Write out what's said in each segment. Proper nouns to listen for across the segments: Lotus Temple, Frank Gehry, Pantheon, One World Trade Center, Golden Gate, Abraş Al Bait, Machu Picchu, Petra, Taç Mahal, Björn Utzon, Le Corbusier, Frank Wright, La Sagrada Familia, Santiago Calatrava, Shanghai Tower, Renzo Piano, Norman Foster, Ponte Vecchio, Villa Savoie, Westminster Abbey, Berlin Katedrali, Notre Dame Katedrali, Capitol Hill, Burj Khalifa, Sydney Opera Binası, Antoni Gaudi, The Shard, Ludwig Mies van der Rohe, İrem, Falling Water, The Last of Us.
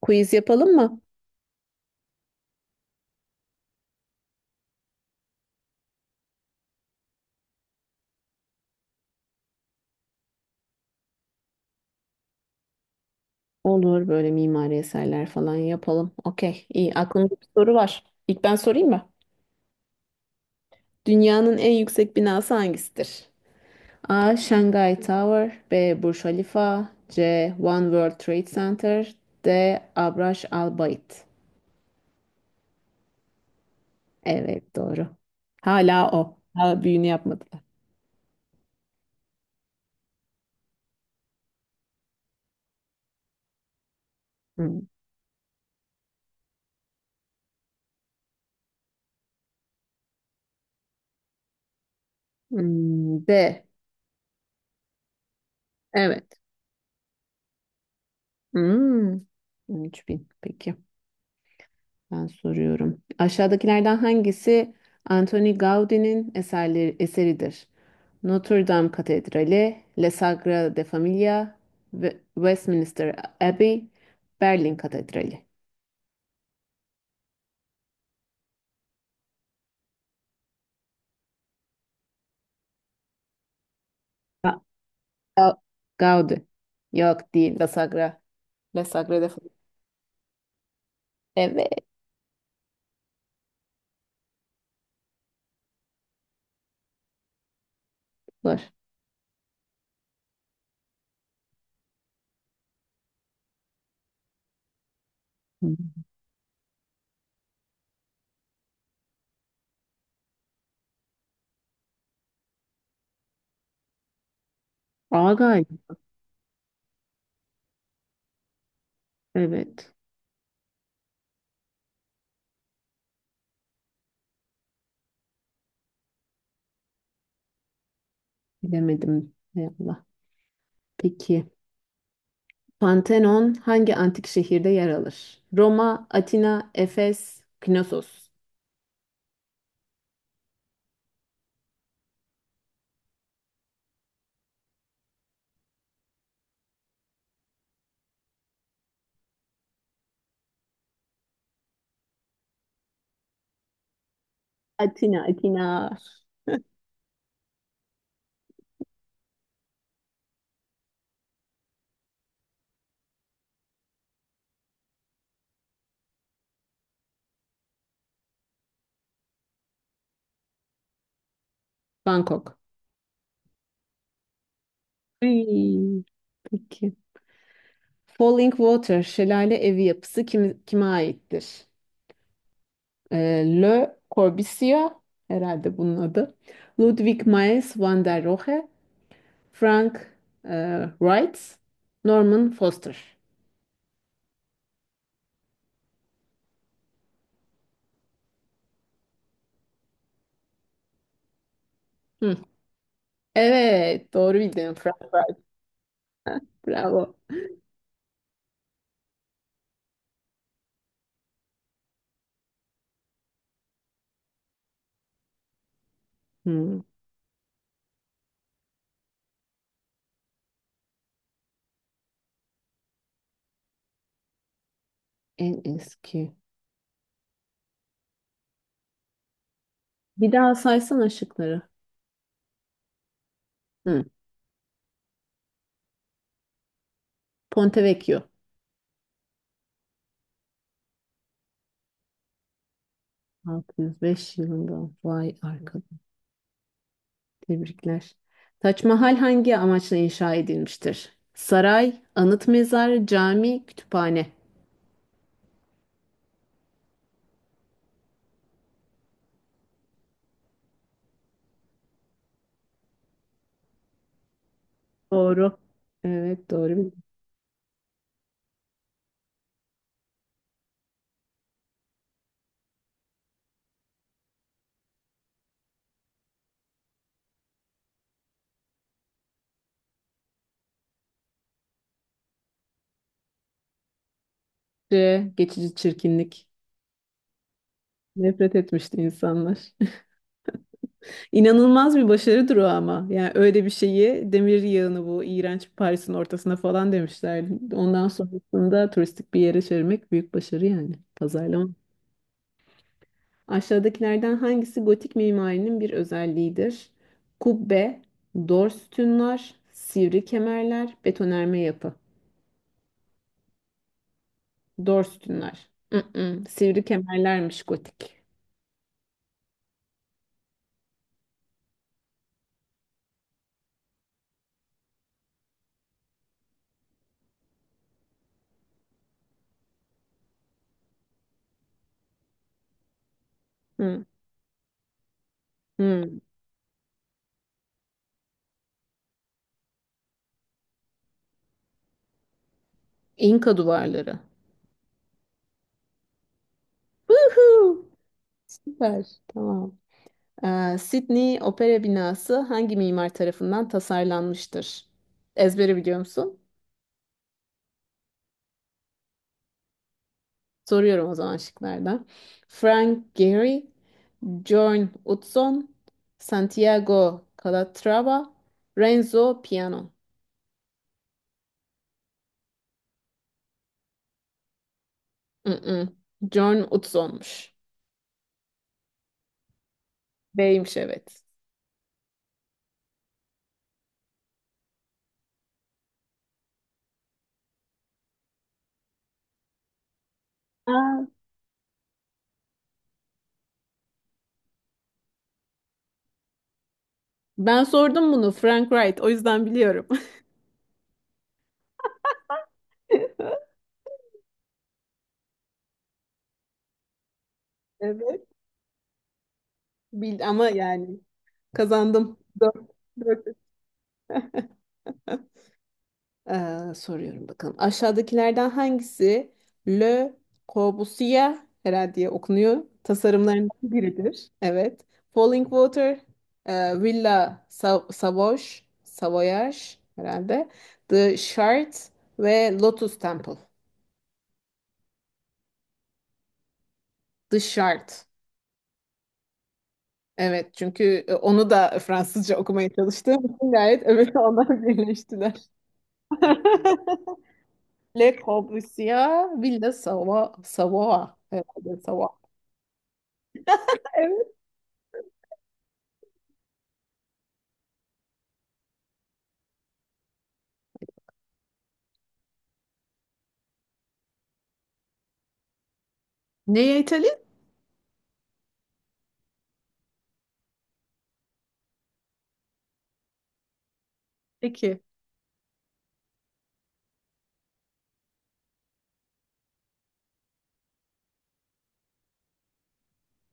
Quiz yapalım mı? Olur böyle mimari eserler falan yapalım. Okey, iyi. Aklımda bir soru var. İlk ben sorayım mı? Dünyanın en yüksek binası hangisidir? A. Shanghai Tower, B. Burj Khalifa, C. One World Trade Center, D. Abraş Al Bait. Evet, doğru. Hala o. Hala büyüğünü yapmadılar. Hmm. Hmm, D. Evet. Hmm. 3000. Peki. Ben soruyorum. Aşağıdakilerden hangisi Antoni Gaudi'nin eseridir? Notre Dame Katedrali, La Sagrada Familia, Westminster Abbey, Berlin Katedrali. Ha, Ga- Gaudi. Yok değil, La Sagra. La Sagrada Familia. Evet, var. Agay. Evet, bilemedim. Ey Allah. Peki. Pantheon hangi antik şehirde yer alır? Roma, Atina, Efes, Knossos. Atina, Atina. Bangkok. Ay, peki. Falling Water şelale evi yapısı kime aittir? Le Corbusier herhalde bunun adı. Ludwig Mies van der Rohe, Frank Wright, Norman Foster. Hı. Evet, doğru bildin. Frank Wright. Bravo. Hı, en eski. Bir daha saysana şıkları. Hı. Ponte Vecchio. 605 yılında. Vay arkadaş. Tebrikler. Taç Mahal hangi amaçla inşa edilmiştir? Saray, anıt mezar, cami, kütüphane. Doğru. Evet, doğru. C. Geçici çirkinlik. Nefret etmişti insanlar. İnanılmaz bir başarıdır o ama. Yani öyle bir şeyi demir yığını bu iğrenç Paris'in ortasına falan demişler. Ondan sonrasında turistik bir yere çevirmek büyük başarı yani. Pazarlama. Aşağıdakilerden hangisi gotik mimarinin bir özelliğidir? Kubbe, dor sütunlar, sivri kemerler, betonerme yapı. Dor sütunlar. Mm-mm, sivri kemerlermiş gotik. Hı, hı. İnka duvarları. Woohoo! Süper. Tamam. Sydney Opera Binası hangi mimar tarafından tasarlanmıştır? Ezbere biliyor musun? Soruyorum o zaman şıklarda. Frank Gehry, Björn Utzon, Santiago Calatrava, Renzo Piano. Mm-mm. Björn Utzon'muş. B'ymiş, evet. Aa, ben sordum bunu, Frank Wright, o yüzden biliyorum. Evet. Bil ama yani kazandım. Dört. Dört. Soruyorum bakalım. Aşağıdakilerden hangisi Le Corbusier herhalde diye okunuyor. Tasarımlarından biridir. Evet. Falling Water, Villa Savoş, Savoyage herhalde. The Shard ve Lotus Temple. The Shard. Evet çünkü onu da Fransızca okumaya çalıştığım için gayet evet onlar birleştiler. Le Corbusier, Villa Savoie, Savoie herhalde Savoie. Neye İtalya? Peki.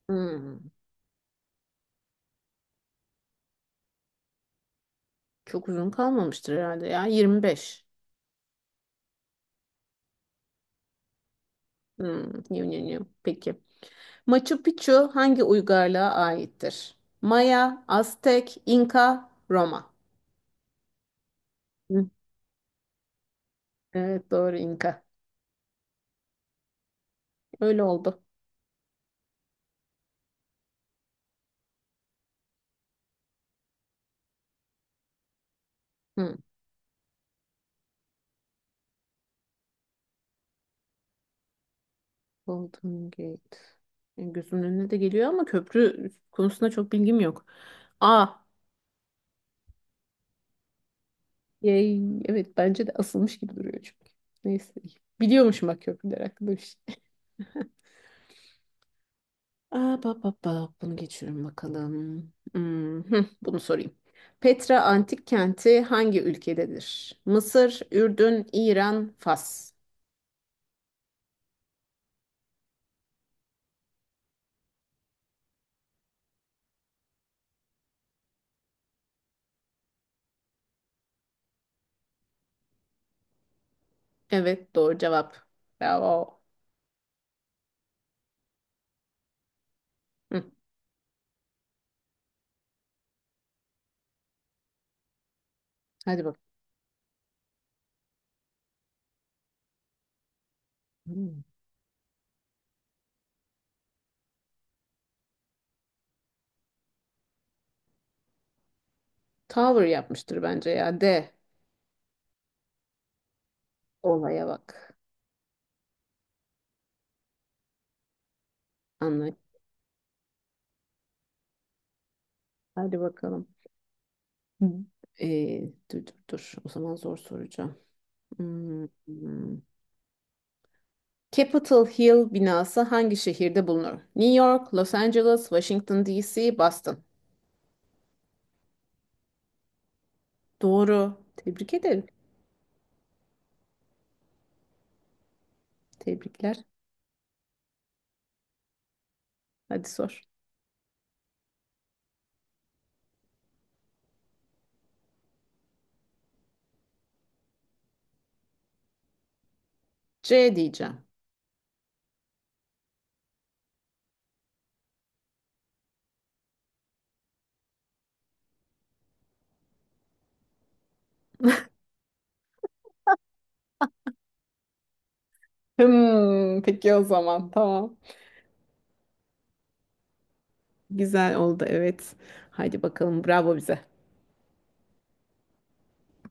Hmm, çok uzun kalmamıştır herhalde ya. 25. Hmm. Yum, yum, yum. Peki. Machu Picchu hangi uygarlığa aittir? Maya, Aztek, İnka, Roma. Hı, evet, doğru, İnka. Öyle oldu. Hı. Golden Gate. Yani gözümün önüne de geliyor ama köprü konusunda çok bilgim yok. A. Yay. Evet, bence de asılmış gibi duruyor çünkü. Neyse. Biliyormuşum bak, köprüler hakkında bir şey. Aa, ba, ba, ba. Bunu geçiyorum bakalım. Hmm, hıh, bunu sorayım. Petra antik kenti hangi ülkededir? Mısır, Ürdün, İran, Fas. Evet, doğru cevap. Bravo. Hı, hadi bak. Hmm. Tower yapmıştır bence ya. De. Olaya bak. Anlay. Hadi bakalım. Hı. Ee, dur, dur, dur. O zaman zor soracağım. Hmm, hmm. Capitol Hill binası hangi şehirde bulunur? New York, Los Angeles, Washington DC, Boston. Doğru. Tebrik ederim. Tebrikler. Hadi sor. C diyeceğim. Hmm, peki, o zaman tamam. Güzel oldu, evet. Hadi bakalım, bravo bize.